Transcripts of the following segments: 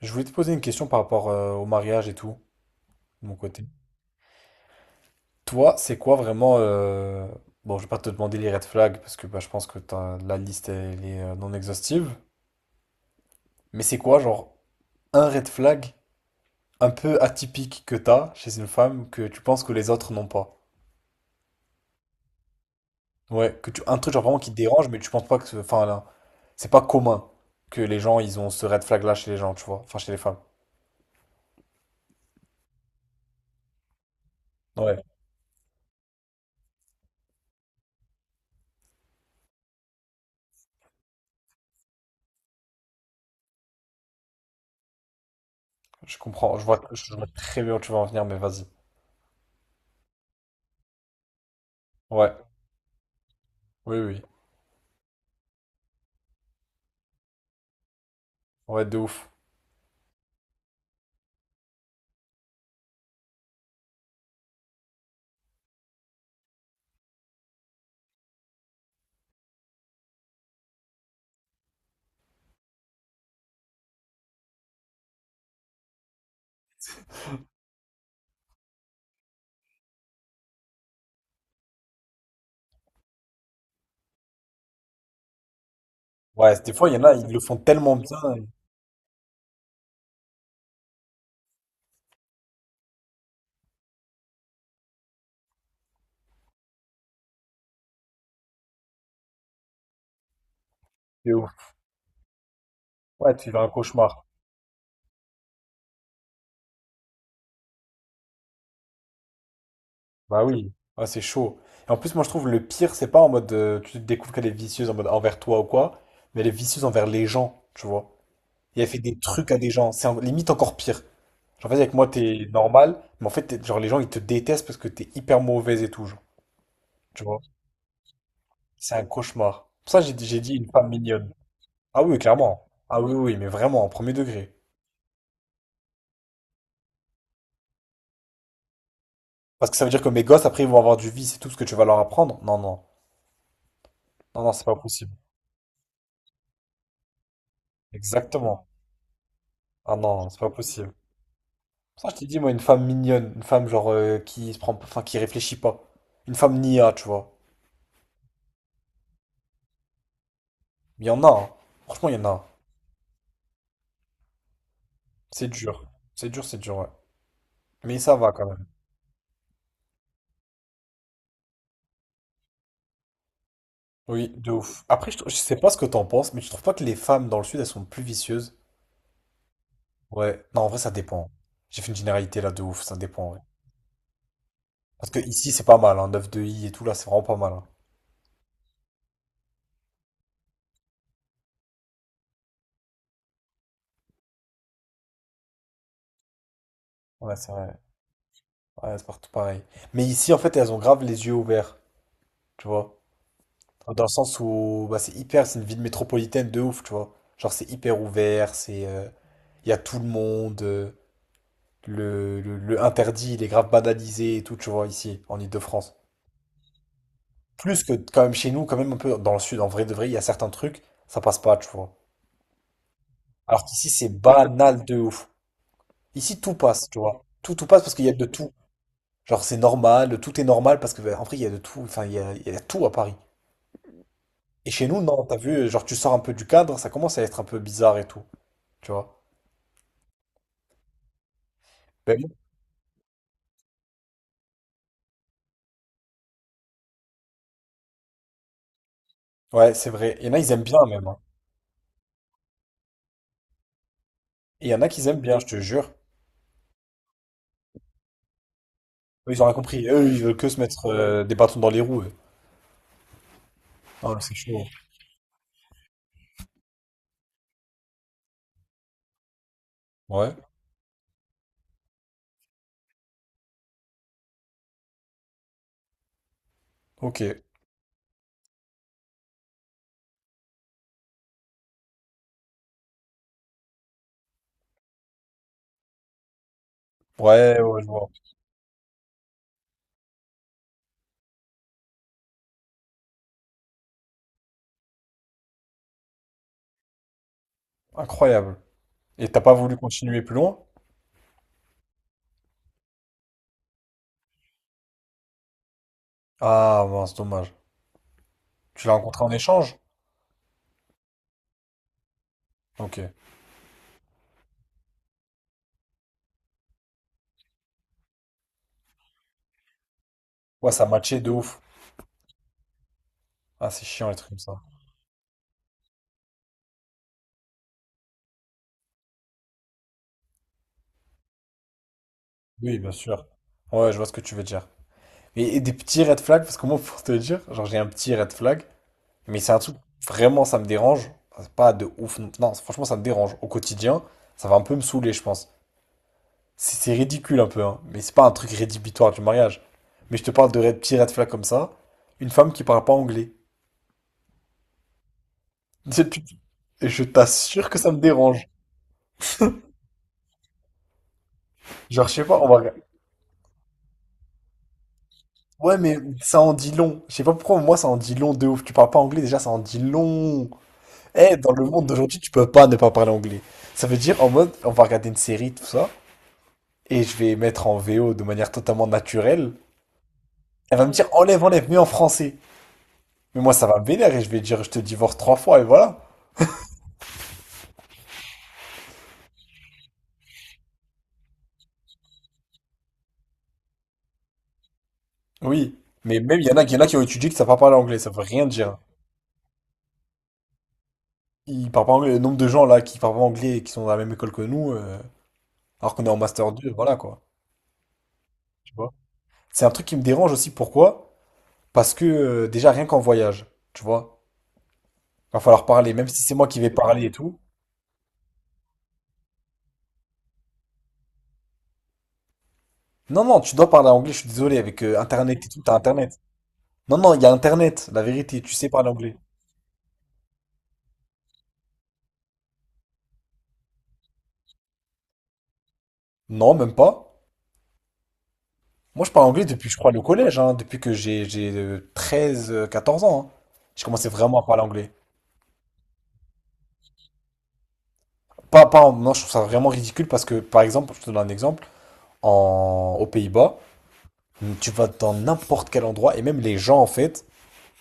Je voulais te poser une question par rapport au mariage et tout, de mon côté. Toi, c'est quoi vraiment... Bon, je vais pas te demander les red flags, parce que bah, je pense que la liste, elle est non exhaustive. Mais c'est quoi, genre, un red flag un peu atypique que t'as chez une femme que tu penses que les autres n'ont pas? Ouais, que tu... un truc genre vraiment qui te dérange, mais tu penses pas que... Enfin, là, c'est pas commun que les gens, ils ont ce red flag-là chez les gens, tu vois. Enfin, chez les femmes. Ouais, je comprends. Je vois très bien où tu vas en venir, mais vas-y. Ouais, oui, oui. Ouais, de ouf. Ouais, des fois, il y en a, ils le font tellement bien. C'est ouf. Ouais, tu fais un cauchemar. Bah oui. Ah, c'est chaud. Et en plus, moi, je trouve le pire, c'est pas en mode tu découvres qu'elle est vicieuse en mode envers toi ou quoi, mais elle est vicieuse envers les gens, tu vois. Et elle fait des trucs à des gens. C'est limite encore pire. Genre, vas-y, avec moi, t'es normal, mais en fait, genre, les gens, ils te détestent parce que t'es hyper mauvaise et tout, genre. Tu vois. C'est un cauchemar. Pour ça, j'ai dit une femme mignonne. Ah oui, clairement. Ah oui, oui, oui, mais vraiment, en premier degré. Parce que ça veut dire que mes gosses, après, ils vont avoir du vice et tout ce que tu vas leur apprendre. Non, non. Non, non, c'est pas possible. Exactement. Ah non, c'est pas possible. Ça, je t'ai dit, moi, une femme mignonne, une femme genre qui se prend, enfin, qui réfléchit pas. Une femme nia, tu vois. Il y en a, hein. Franchement, il y en a. C'est dur. C'est dur, c'est dur, ouais. Mais ça va quand même. Oui, de ouf. Après, je sais pas ce que t'en penses, mais tu trouves pas que les femmes dans le sud, elles sont plus vicieuses? Ouais. Non, en vrai, ça dépend. J'ai fait une généralité là de ouf, ça dépend, ouais. Parce que ici, c'est pas mal, hein. 9 de i et tout, là, c'est vraiment pas mal, hein. Ouais, c'est vrai. Ouais, c'est partout pareil. Mais ici, en fait, elles ont grave les yeux ouverts, tu vois. Dans le sens où bah, c'est hyper, c'est une ville métropolitaine de ouf, tu vois. Genre c'est hyper ouvert, c'est il y a tout le monde, le interdit, il est grave banalisé et tout, tu vois, ici, en Île-de-France. Plus que quand même chez nous, quand même un peu dans le sud, en vrai de vrai, il y a certains trucs, ça passe pas, tu vois. Alors qu'ici c'est banal de ouf. Ici tout passe, tu vois. Tout passe parce qu'il y a de tout. Genre c'est normal, tout est normal parce que bah, en vrai il y a de tout, enfin il y a tout à Paris. Et chez nous, non, t'as vu, genre tu sors un peu du cadre, ça commence à être un peu bizarre et tout, tu vois. Ben, ouais, c'est vrai. Il y en a, ils aiment bien même, hein. Et il y en a qui aiment bien, je te jure. Eux, ils ont rien compris. Eux, ils veulent que se mettre des bâtons dans les roues, eux. Ah, c'est chaud. Ouais. Ok. Ouais, ouais, je vois. Incroyable. Et t'as pas voulu continuer plus loin? Ah, mince, dommage. Tu l'as rencontré en échange? Ok. Ouais, ça matchait de ouf. Ah, c'est chiant les trucs comme ça. Oui, bien sûr. Ouais, je vois ce que tu veux dire. Et des petits red flags, parce que moi, pour te dire, genre, j'ai un petit red flag. Mais c'est un truc, vraiment, ça me dérange. C'est pas de ouf. Non, non, franchement, ça me dérange. Au quotidien, ça va un peu me saouler, je pense. C'est ridicule un peu, hein. Mais c'est pas un truc rédhibitoire du mariage. Mais je te parle de petits red flags comme ça. Une femme qui parle pas anglais. C'est plus- Et je t'assure que ça me dérange. Genre, je sais pas, on va... Ouais, mais ça en dit long. Je sais pas pourquoi, moi, ça en dit long de ouf. Tu parles pas anglais, déjà, ça en dit long. Eh, dans le monde d'aujourd'hui, tu peux pas ne pas parler anglais. Ça veut dire, en mode, on va regarder une série, tout ça, et je vais mettre en VO de manière totalement naturelle, elle va me dire enlève, enlève, mets en français. Mais moi, ça va me vénère et je vais dire je te divorce trois fois et voilà. Oui. Mais même, il y en a, qui ont étudié qui ne savent pas parler anglais, ça veut rien dire. Ils parlent pas anglais. Le nombre de gens là qui parlent pas anglais et qui sont dans la même école que nous, alors qu'on est en Master 2, voilà quoi. C'est un truc qui me dérange aussi. Pourquoi? Parce que déjà, rien qu'en voyage, tu vois, va falloir parler, même si c'est moi qui vais parler et tout. Non, non, tu dois parler anglais, je suis désolé, avec Internet et tout, t'as Internet. Non, non, il y a Internet, la vérité, tu sais parler anglais. Non, même pas. Moi, je parle anglais depuis, je crois, le collège, hein, depuis que j'ai 13, 14 ans, hein. J'ai commencé vraiment à parler anglais. Pas, pas, en- Non, je trouve ça vraiment ridicule parce que, par exemple, je te donne un exemple, aux Pays-Bas, tu vas dans n'importe quel endroit et même les gens, en fait,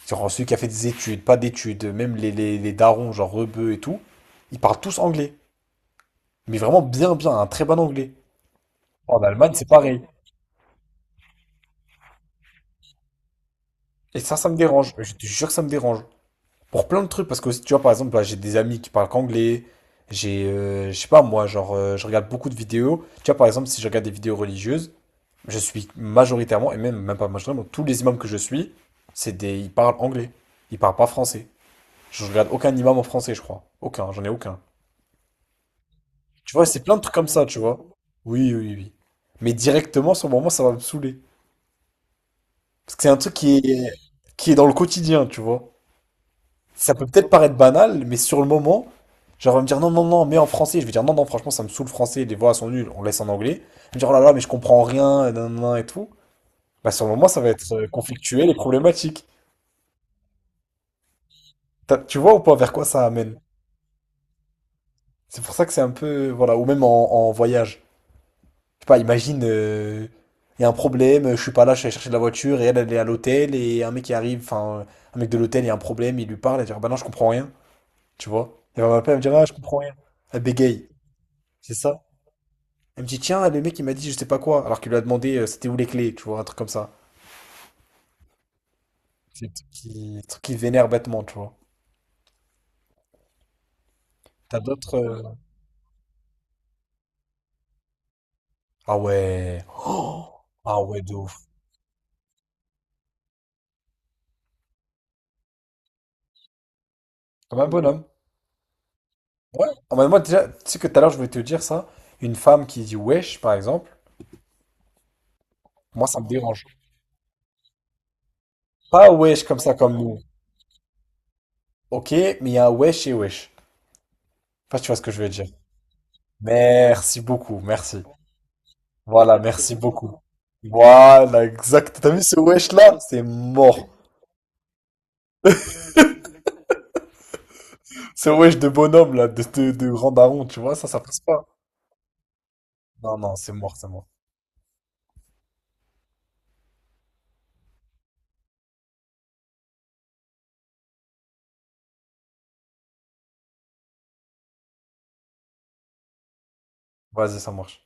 genre celui qui a fait des études, pas d'études, même les darons, genre rebeux et tout, ils parlent tous anglais. Mais vraiment bien, bien, un très bon anglais. En Allemagne, c'est pareil. Et ça me dérange. Je te jure que ça me dérange. Pour plein de trucs, parce que aussi, tu vois, par exemple, bah, j'ai des amis qui parlent qu'anglais, j'ai, je sais pas, moi, genre, je regarde beaucoup de vidéos. Tu vois, par exemple, si je regarde des vidéos religieuses, je suis majoritairement, et même, même pas majoritairement, tous les imams que je suis, ils parlent anglais, ils parlent pas français. Je regarde aucun imam en français, je crois. Aucun, j'en ai aucun. Tu vois, c'est plein de trucs comme ça, tu vois. Oui, oui, oui, oui. Mais directement, sur le moment, ça va me saouler. Parce que c'est un truc qui est dans le quotidien, tu vois. Ça peut peut-être paraître banal, mais sur le moment, genre, elle va me dire non, non, non, mais en français. Je vais dire non, non, franchement, ça me saoule le français, les voix sont nulles, on laisse en anglais. Elle me dire oh là là, mais je comprends rien, et nan, nan, nan, et tout. Bah, sur le moment, ça va être conflictuel et problématique. Tu vois ou pas vers quoi ça amène? C'est pour ça que c'est un peu, voilà, ou même en, en voyage. Je sais pas, imagine, il y a un problème, je suis pas là, je suis allé chercher de la voiture, et elle, elle est à l'hôtel, et un mec qui arrive, enfin, un mec de l'hôtel, il y a un problème, il lui parle, elle dit, ah bah non, je comprends rien, tu vois. Elle va m'appeler, elle me dire, ah, je comprends rien. Elle bégaye, c'est ça? Elle me dit, tiens, le mec, il m'a dit je sais pas quoi, alors qu'il lui a demandé c'était où les clés, tu vois, un truc comme ça. C'est un truc qui vénère bêtement, tu vois. T'as d'autres. Ah ouais. Oh. Ah ouais, de ouf. Comme un bonhomme. Ouais. Ah bah, moi, déjà, tu sais que tout à l'heure, je voulais te dire ça. Une femme qui dit wesh, par exemple, moi, ça me dérange. Pas wesh comme ça, comme nous. Ok, mais il y a un wesh et wesh. Enfin, tu vois ce que je veux dire. Merci beaucoup, merci. Voilà, merci beaucoup. Voilà, exact. T'as vu ce wesh là? C'est mort. Ce wesh de bonhomme, là, de grand daron, tu vois, ça passe pas. Non, non, c'est mort, c'est mort. Vas-y, ça marche.